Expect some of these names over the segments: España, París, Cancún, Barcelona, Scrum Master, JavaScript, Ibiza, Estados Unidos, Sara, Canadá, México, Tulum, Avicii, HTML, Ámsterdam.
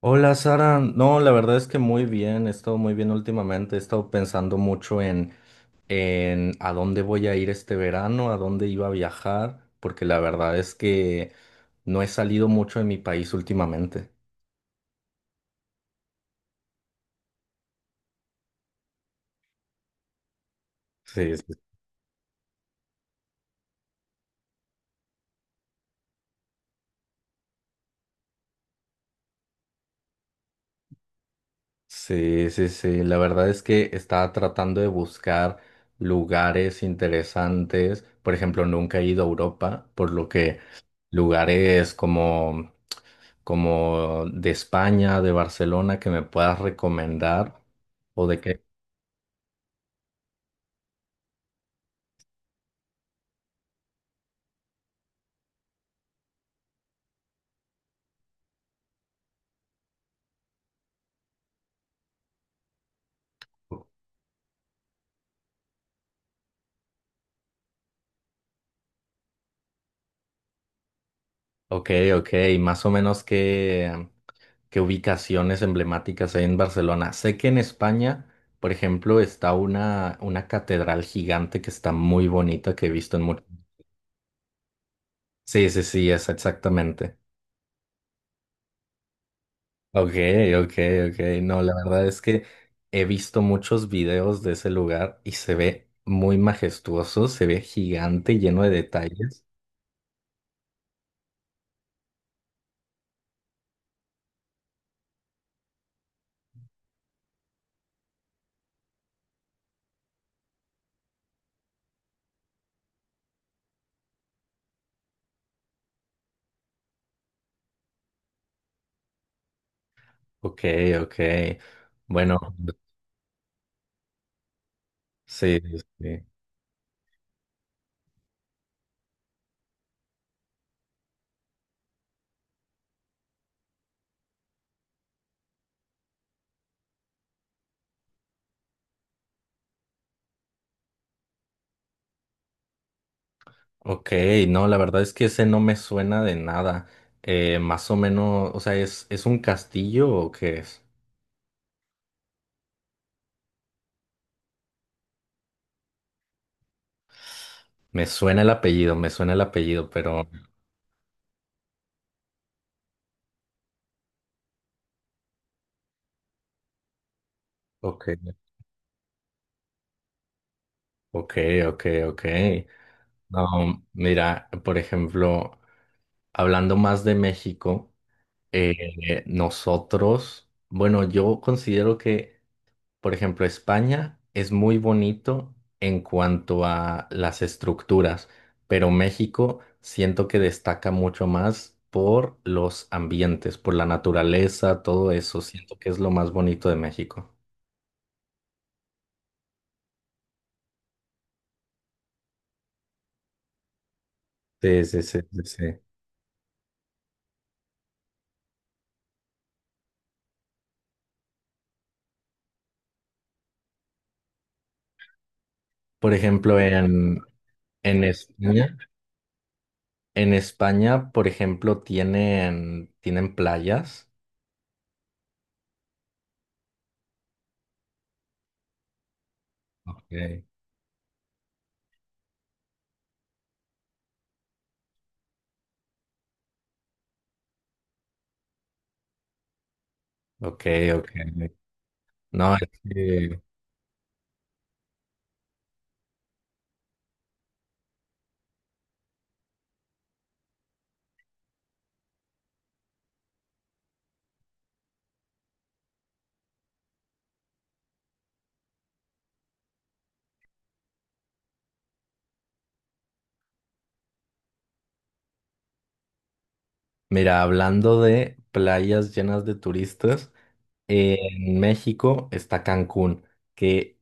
Hola Sara, no, la verdad es que muy bien, he estado muy bien últimamente, he estado pensando mucho en a dónde voy a ir este verano, a dónde iba a viajar, porque la verdad es que no he salido mucho de mi país últimamente. Sí, sí. Sí, sí, sí, la verdad es que estaba tratando de buscar lugares interesantes, por ejemplo, nunca he ido a Europa, por lo que lugares como de España, de Barcelona, que me puedas recomendar o de qué. Ok, ok, más o menos, qué ubicaciones emblemáticas hay en Barcelona. Sé que en España, por ejemplo, está una catedral gigante que está muy bonita que he visto en muchos. Sí, sí, sí, es exactamente. Ok, ok, ok. No, la verdad es que he visto muchos videos de ese lugar y se ve muy majestuoso, se ve gigante, lleno de detalles. Ok, ok. Bueno, sí, sí. Ok, no, la verdad es que ese no me suena de nada. Más o menos, o sea, ¿es un castillo o qué es? Me suena el apellido, me suena el apellido, pero... Ok, ok, ok, ok. No, mira, por ejemplo, hablando más de México, nosotros, bueno, yo considero que... Por ejemplo, España es muy bonito en cuanto a las estructuras, pero México siento que destaca mucho más por los ambientes, por la naturaleza, todo eso. Siento que es lo más bonito de México. Sí, sí, sí, sí, sí. Por ejemplo, en España, por ejemplo, tienen playas. Okay. Ok, ok. No, es que, mira, hablando de playas llenas de turistas. En México está Cancún, que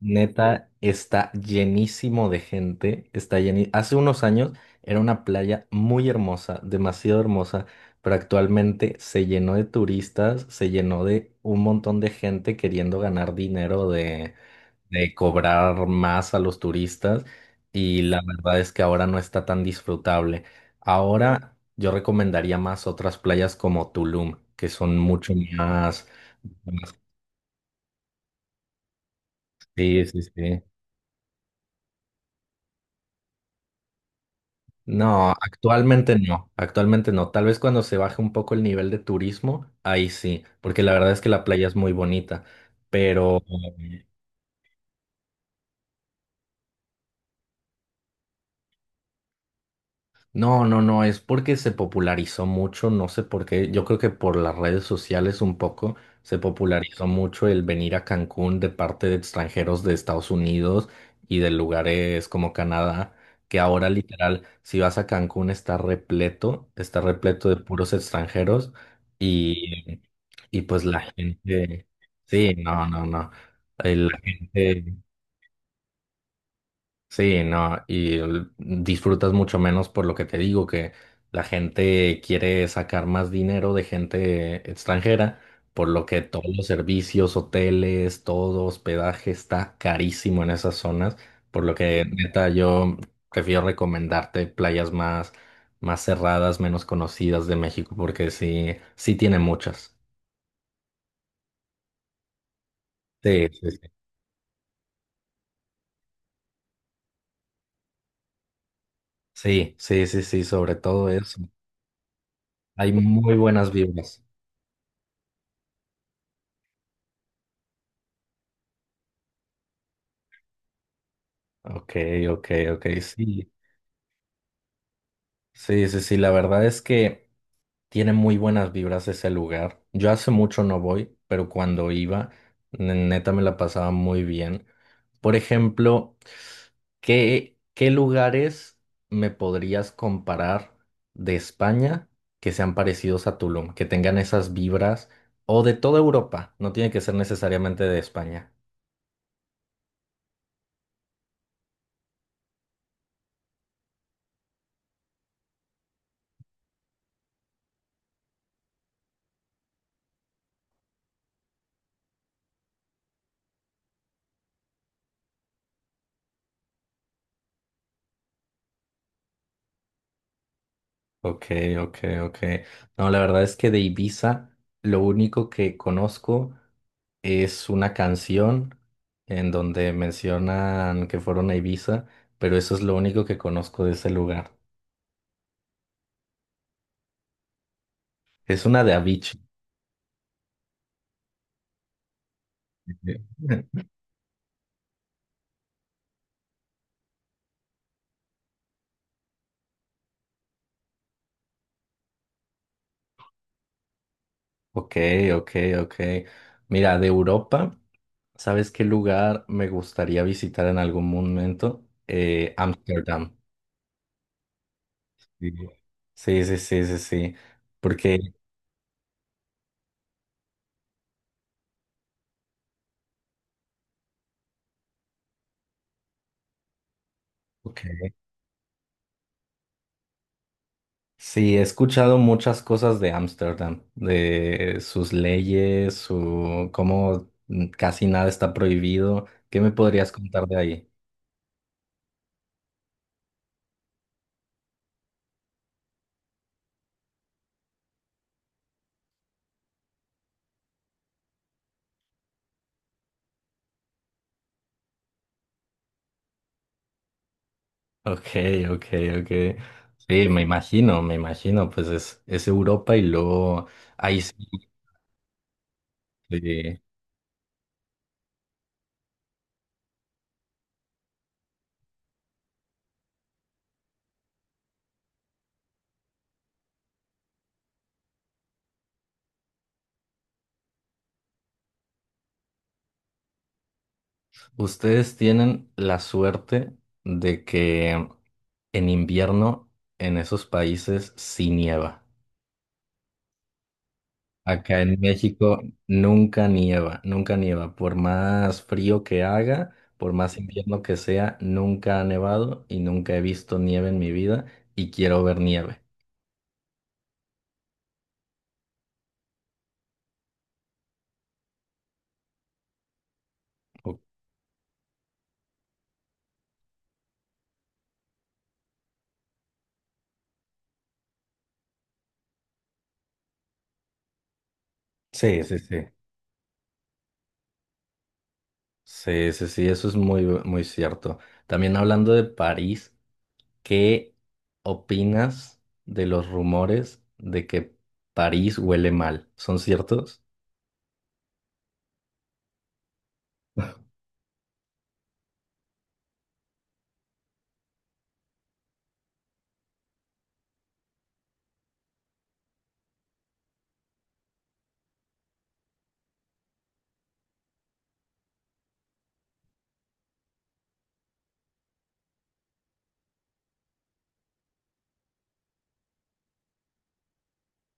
neta está llenísimo de gente, está lleni- Hace unos años era una playa muy hermosa, demasiado hermosa, pero actualmente se llenó de turistas, se llenó de un montón de gente queriendo ganar dinero de cobrar más a los turistas y la verdad es que ahora no está tan disfrutable. Ahora yo recomendaría más otras playas como Tulum, que son mucho más... más- Sí, sí, sí. No, actualmente no, actualmente no. Tal vez cuando se baje un poco el nivel de turismo, ahí sí, porque la verdad es que la playa es muy bonita, pero... No, no, no, es porque se popularizó mucho, no sé por qué, yo creo que por las redes sociales un poco se popularizó mucho el venir a Cancún de parte de extranjeros de Estados Unidos y de lugares como Canadá, que ahora literal, si vas a Cancún está repleto de puros extranjeros y, y pues la gente, sí, no, no, no, la gente... Sí, no, y l- disfrutas mucho menos por lo que te digo, que la gente quiere sacar más dinero de gente extranjera, por lo que todos los servicios, hoteles, todo hospedaje está carísimo en esas zonas, por lo que neta yo prefiero recomendarte playas más, más cerradas, menos conocidas de México, porque sí, sí tiene muchas. Sí, sí, sí, sí, sí, sí, sí, sobre todo eso. Hay muy buenas vibras. Ok, ok, ok, sí. Sí, sí, sí, la verdad es que tiene muy buenas vibras ese lugar. Yo hace mucho no voy, pero cuando iba, ne- neta me la pasaba muy bien. Por ejemplo, ¿qué lugares me podrías comparar de España que sean parecidos a Tulum, que tengan esas vibras, o de toda Europa? No tiene que ser necesariamente de España. Ok, ok, ok. No, la verdad es que de Ibiza lo único que conozco es una canción en donde mencionan que fueron a Ibiza, pero eso es lo único que conozco de ese lugar. Es una de Avicii. Ok, ok, ok. Mira, de Europa, ¿sabes qué lugar me gustaría visitar en algún momento? Ámsterdam. Sí, sí, sí, sí, sí, sí. Porque, ok. Sí, he escuchado muchas cosas de Ámsterdam, de sus leyes, su cómo casi nada está prohibido. ¿Qué me podrías contar de ahí? Ok, ok, ok. Sí, me imagino, pues es Europa y luego ahí sí. eh, Ustedes tienen la suerte de que en invierno en esos países sí nieva. Acá en México nunca nieva, nunca nieva. Por más frío que haga, por más invierno que sea, nunca ha nevado y nunca he visto nieve en mi vida y quiero ver nieve. O- Sí, sí, sí. Sí, sí, sí, eso es muy, muy cierto. También hablando de París, ¿qué opinas de los rumores de que París huele mal? ¿Son ciertos?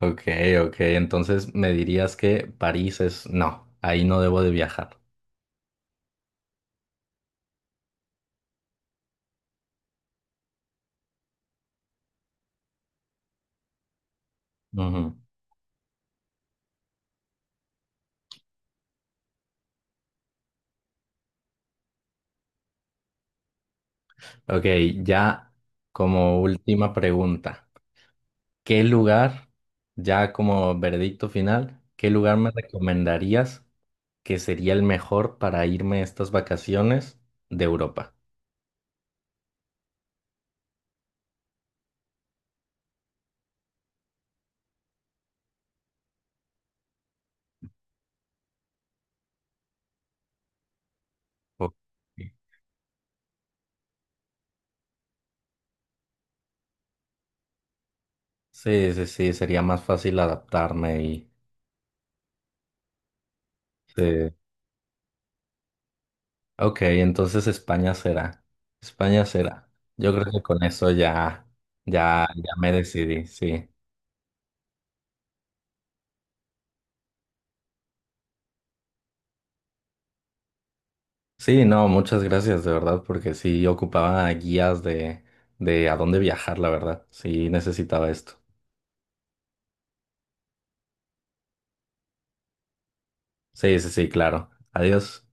Ok, ok, entonces me dirías que París es... No, ahí no debo de viajar. Ujú. Ok, ya como última pregunta, ¿qué lugar, ya como veredicto final, qué lugar me recomendarías que sería el mejor para irme estas vacaciones de Europa? Ok. Sí, sí, sí, sería más fácil adaptarme y... Sí. Ok, entonces España será, España será. Yo creo que con eso ya, ya, ya me decidí, sí. Sí, no, muchas gracias, de verdad, porque sí ocupaba guías de a dónde viajar, la verdad. Sí necesitaba esto. Sí, sí, sí, claro. Adiós.